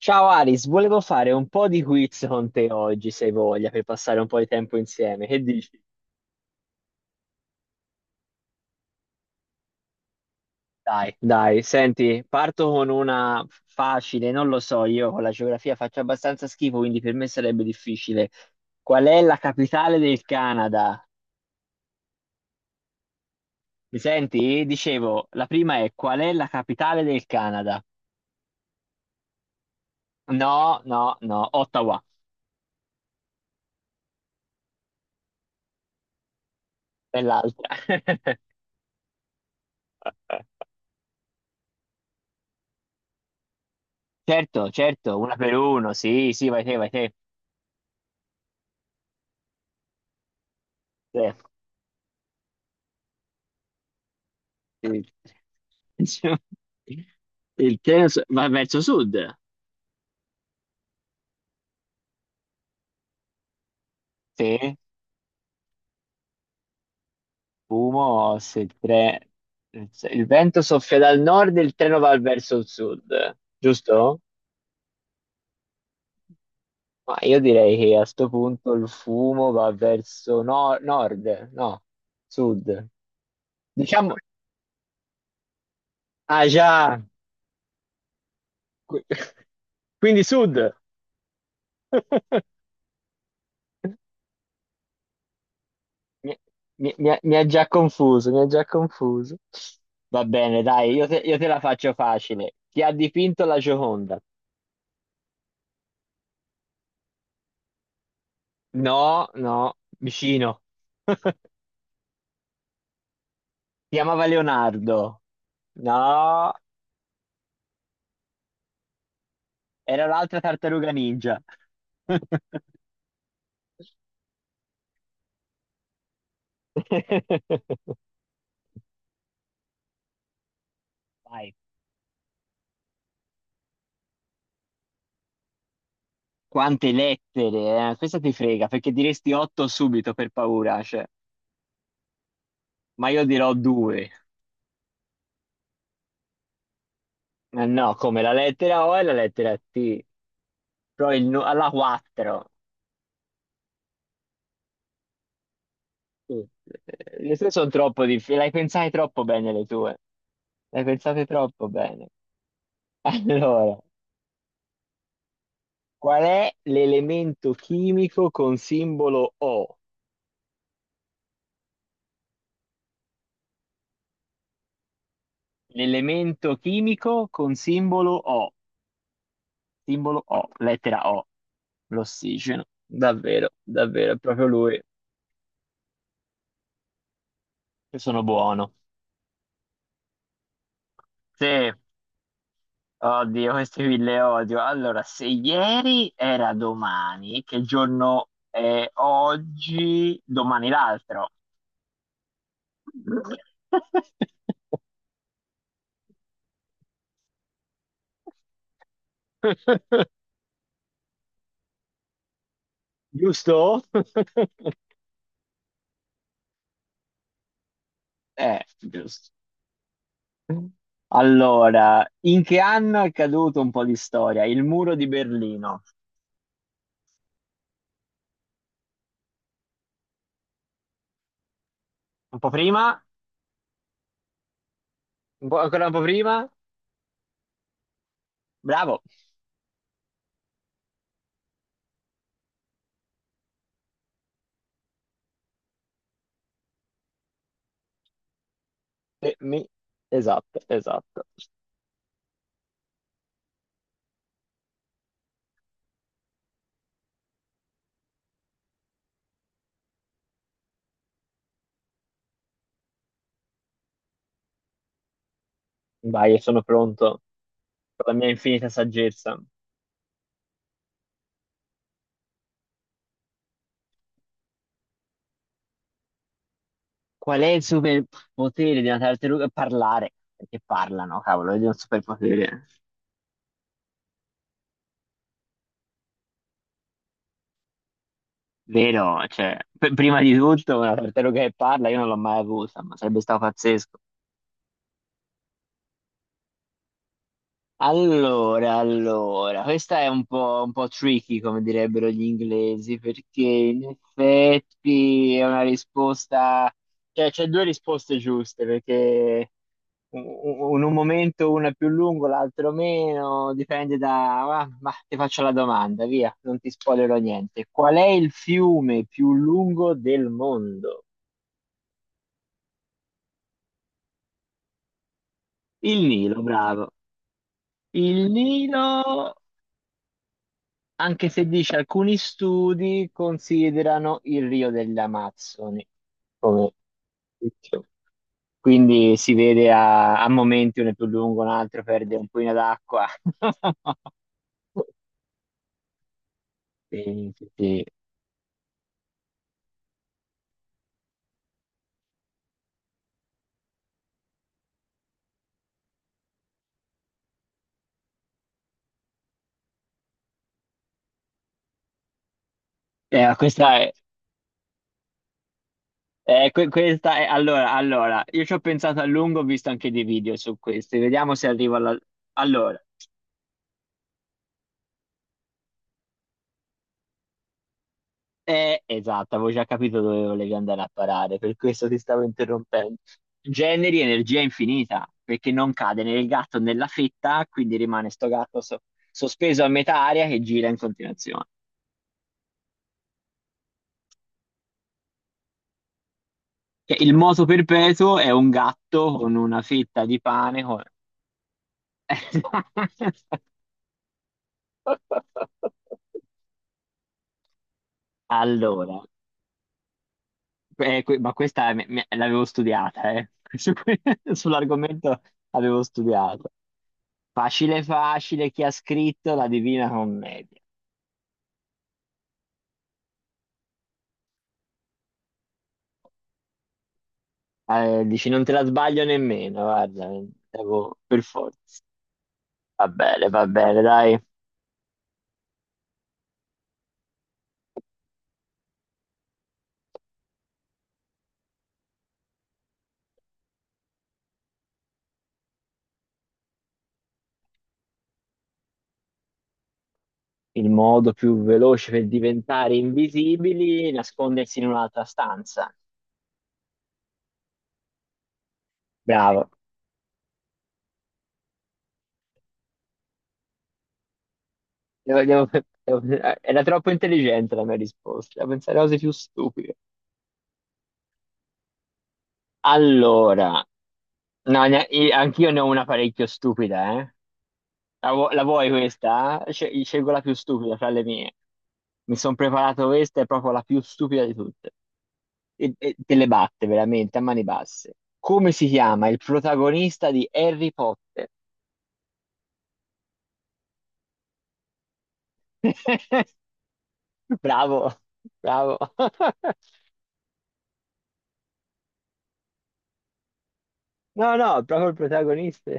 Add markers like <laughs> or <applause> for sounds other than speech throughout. Ciao Aris, volevo fare un po' di quiz con te oggi, se hai voglia, per passare un po' di tempo insieme. Che dici? Dai, dai, senti, parto con una facile, non lo so, io con la geografia faccio abbastanza schifo, quindi per me sarebbe difficile. Qual è la capitale del Canada? Mi senti? Dicevo, la prima è: qual è la capitale del Canada? No, no, no, Ottawa è l'altra. <laughs> Certo, certo, una per uno, sì, sì, vai te, vai te. Sì, sì. Cioè, <laughs> va verso sud. Se fumo, se il, tre... Se il vento soffia dal nord, il treno va verso il sud, giusto? Ma io direi che a sto punto il fumo va verso nord, no, sud. Diciamo, ah già, Qui- <laughs> quindi sud. <laughs> Mi, mi ha già confuso, mi ha già confuso. Va bene, dai, io te la faccio facile. Chi ha dipinto la Gioconda? No, no, vicino. Si chiamava Leonardo. No, era l'altra tartaruga ninja. <laughs> Vai. Quante lettere, eh? Questa ti frega, perché diresti otto subito per paura, cioè. Ma io dirò due. Ma no, come la lettera O e la lettera T. Alla quattro. Sì. Le tue sono troppo difficili, le hai pensate troppo bene le tue. Le hai pensate troppo bene. <laughs> Allora, qual è l'elemento chimico con simbolo O? L'elemento chimico con simbolo O, simbolo O, lettera O, l'ossigeno. Davvero, davvero, è proprio lui. Io sono buono. Sì, oddio, questi qui le odio. Allora, se ieri era domani, che giorno è oggi? Domani l'altro. <laughs> Giusto? <laughs> Giusto. Allora, in che anno è caduto, un po' di storia, il muro di Berlino? Un po' prima? Un po', ancora un po' prima? Bravo. E mi- Esatto, esatto. Vai, sono pronto con la mia infinita saggezza. Qual è il superpotere di una tartaruga? Parlare, perché parlano, cavolo, è un superpotere. Vero, cioè, prima di tutto una tartaruga che parla io non l'ho mai avuta, ma sarebbe stato pazzesco. Allora, allora, questa è un po' tricky, come direbbero gli inglesi, perché in effetti è una risposta, cioè c'è due risposte giuste, perché u- in un momento una è più lungo, l'altro meno, dipende da... ma ti faccio la domanda, via, non ti spoilerò niente. Qual è il fiume più lungo del mondo? Il Nilo, bravo. Il Nilo, anche se dice alcuni studi considerano il Rio delle Amazzoni come fischio. Quindi si vede a, a momenti uno è più lungo, un altro perde un po' d'acqua. <laughs> Sì, sì, sì. Eh, questa è, Questa è, allora, allora, io ci ho pensato a lungo, ho visto anche dei video su questi, vediamo se arrivo alla... Allora, eh, esatto, avevo già capito dove volevi andare a parare, per questo ti stavo interrompendo. Generi energia infinita, perché non cade né il gatto né la fetta, quindi rimane sto sospeso a metà aria che gira in continuazione. Che il moto perpetuo è un gatto con una fetta di pane. <laughs> Allora, ma l'avevo studiata, eh. <laughs> Su que- Sull'argomento avevo studiato. Facile facile, chi ha scritto la Divina Commedia? Dici, non te la sbaglio nemmeno, guarda, per forza. Va bene, dai. Il modo più veloce per diventare invisibili è nascondersi in un'altra stanza. Bravo. Devo- devo- Era troppo intelligente la mia risposta, devo pensare a cose più stupide. Allora, no, anch'io ne ho una parecchio stupida, eh. La vuoi questa? Scelgo la più stupida fra le mie. Mi sono preparato questa, è proprio la più stupida di tutte. E te le batte veramente a mani basse. Come si chiama il protagonista di Harry Potter? <laughs> Bravo, bravo. <laughs> No, no, proprio il protagonista.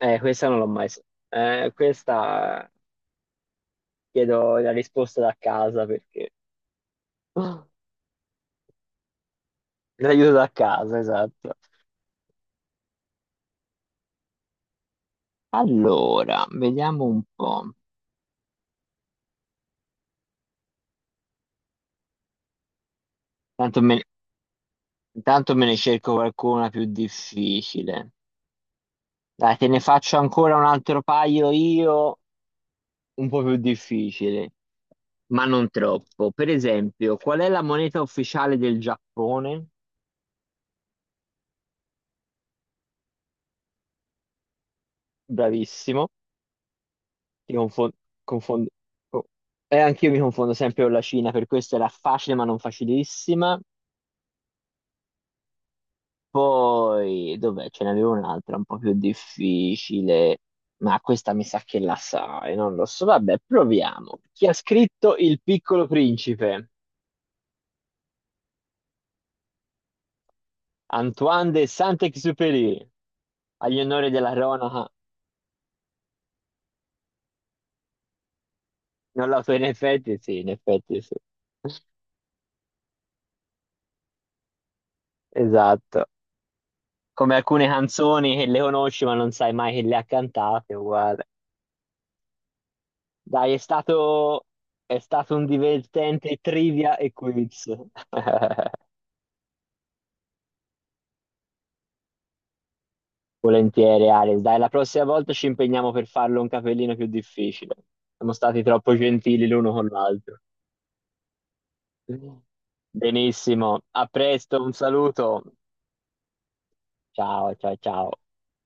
Questa non l'ho mai so- questa chiedo la risposta da casa perché <gasps> l'aiuto da casa, esatto. Allora, vediamo un po'. Tanto me, Intanto me ne cerco qualcuna più difficile. Dai, te ne faccio ancora un altro paio io, un po' più difficile, ma non troppo. Per esempio, qual è la moneta ufficiale del Giappone? Bravissimo. Ti confon- confon- co- Eh, anch'io mi confondo sempre con la Cina, per questo era facile ma non facilissima. Poi, dov'è? Ce n'avevo un'altra un po' più difficile, ma questa mi sa che la sai, non lo so. Vabbè, proviamo. Chi ha scritto Il Piccolo Principe? Antoine de Saint-Exupéry. Agli onori della cronaca. Non la so, in effetti sì, in effetti sì. Esatto. Come alcune canzoni che le conosci ma non sai mai che le ha cantate, uguale. Dai, è stato, è stato un divertente trivia e quiz. <laughs> Volentieri, Alex. Dai, la prossima volta ci impegniamo per farlo un capellino più difficile. Siamo stati troppo gentili l'uno con l'altro. Benissimo, a presto, un saluto. Ciao, ciao, ciao.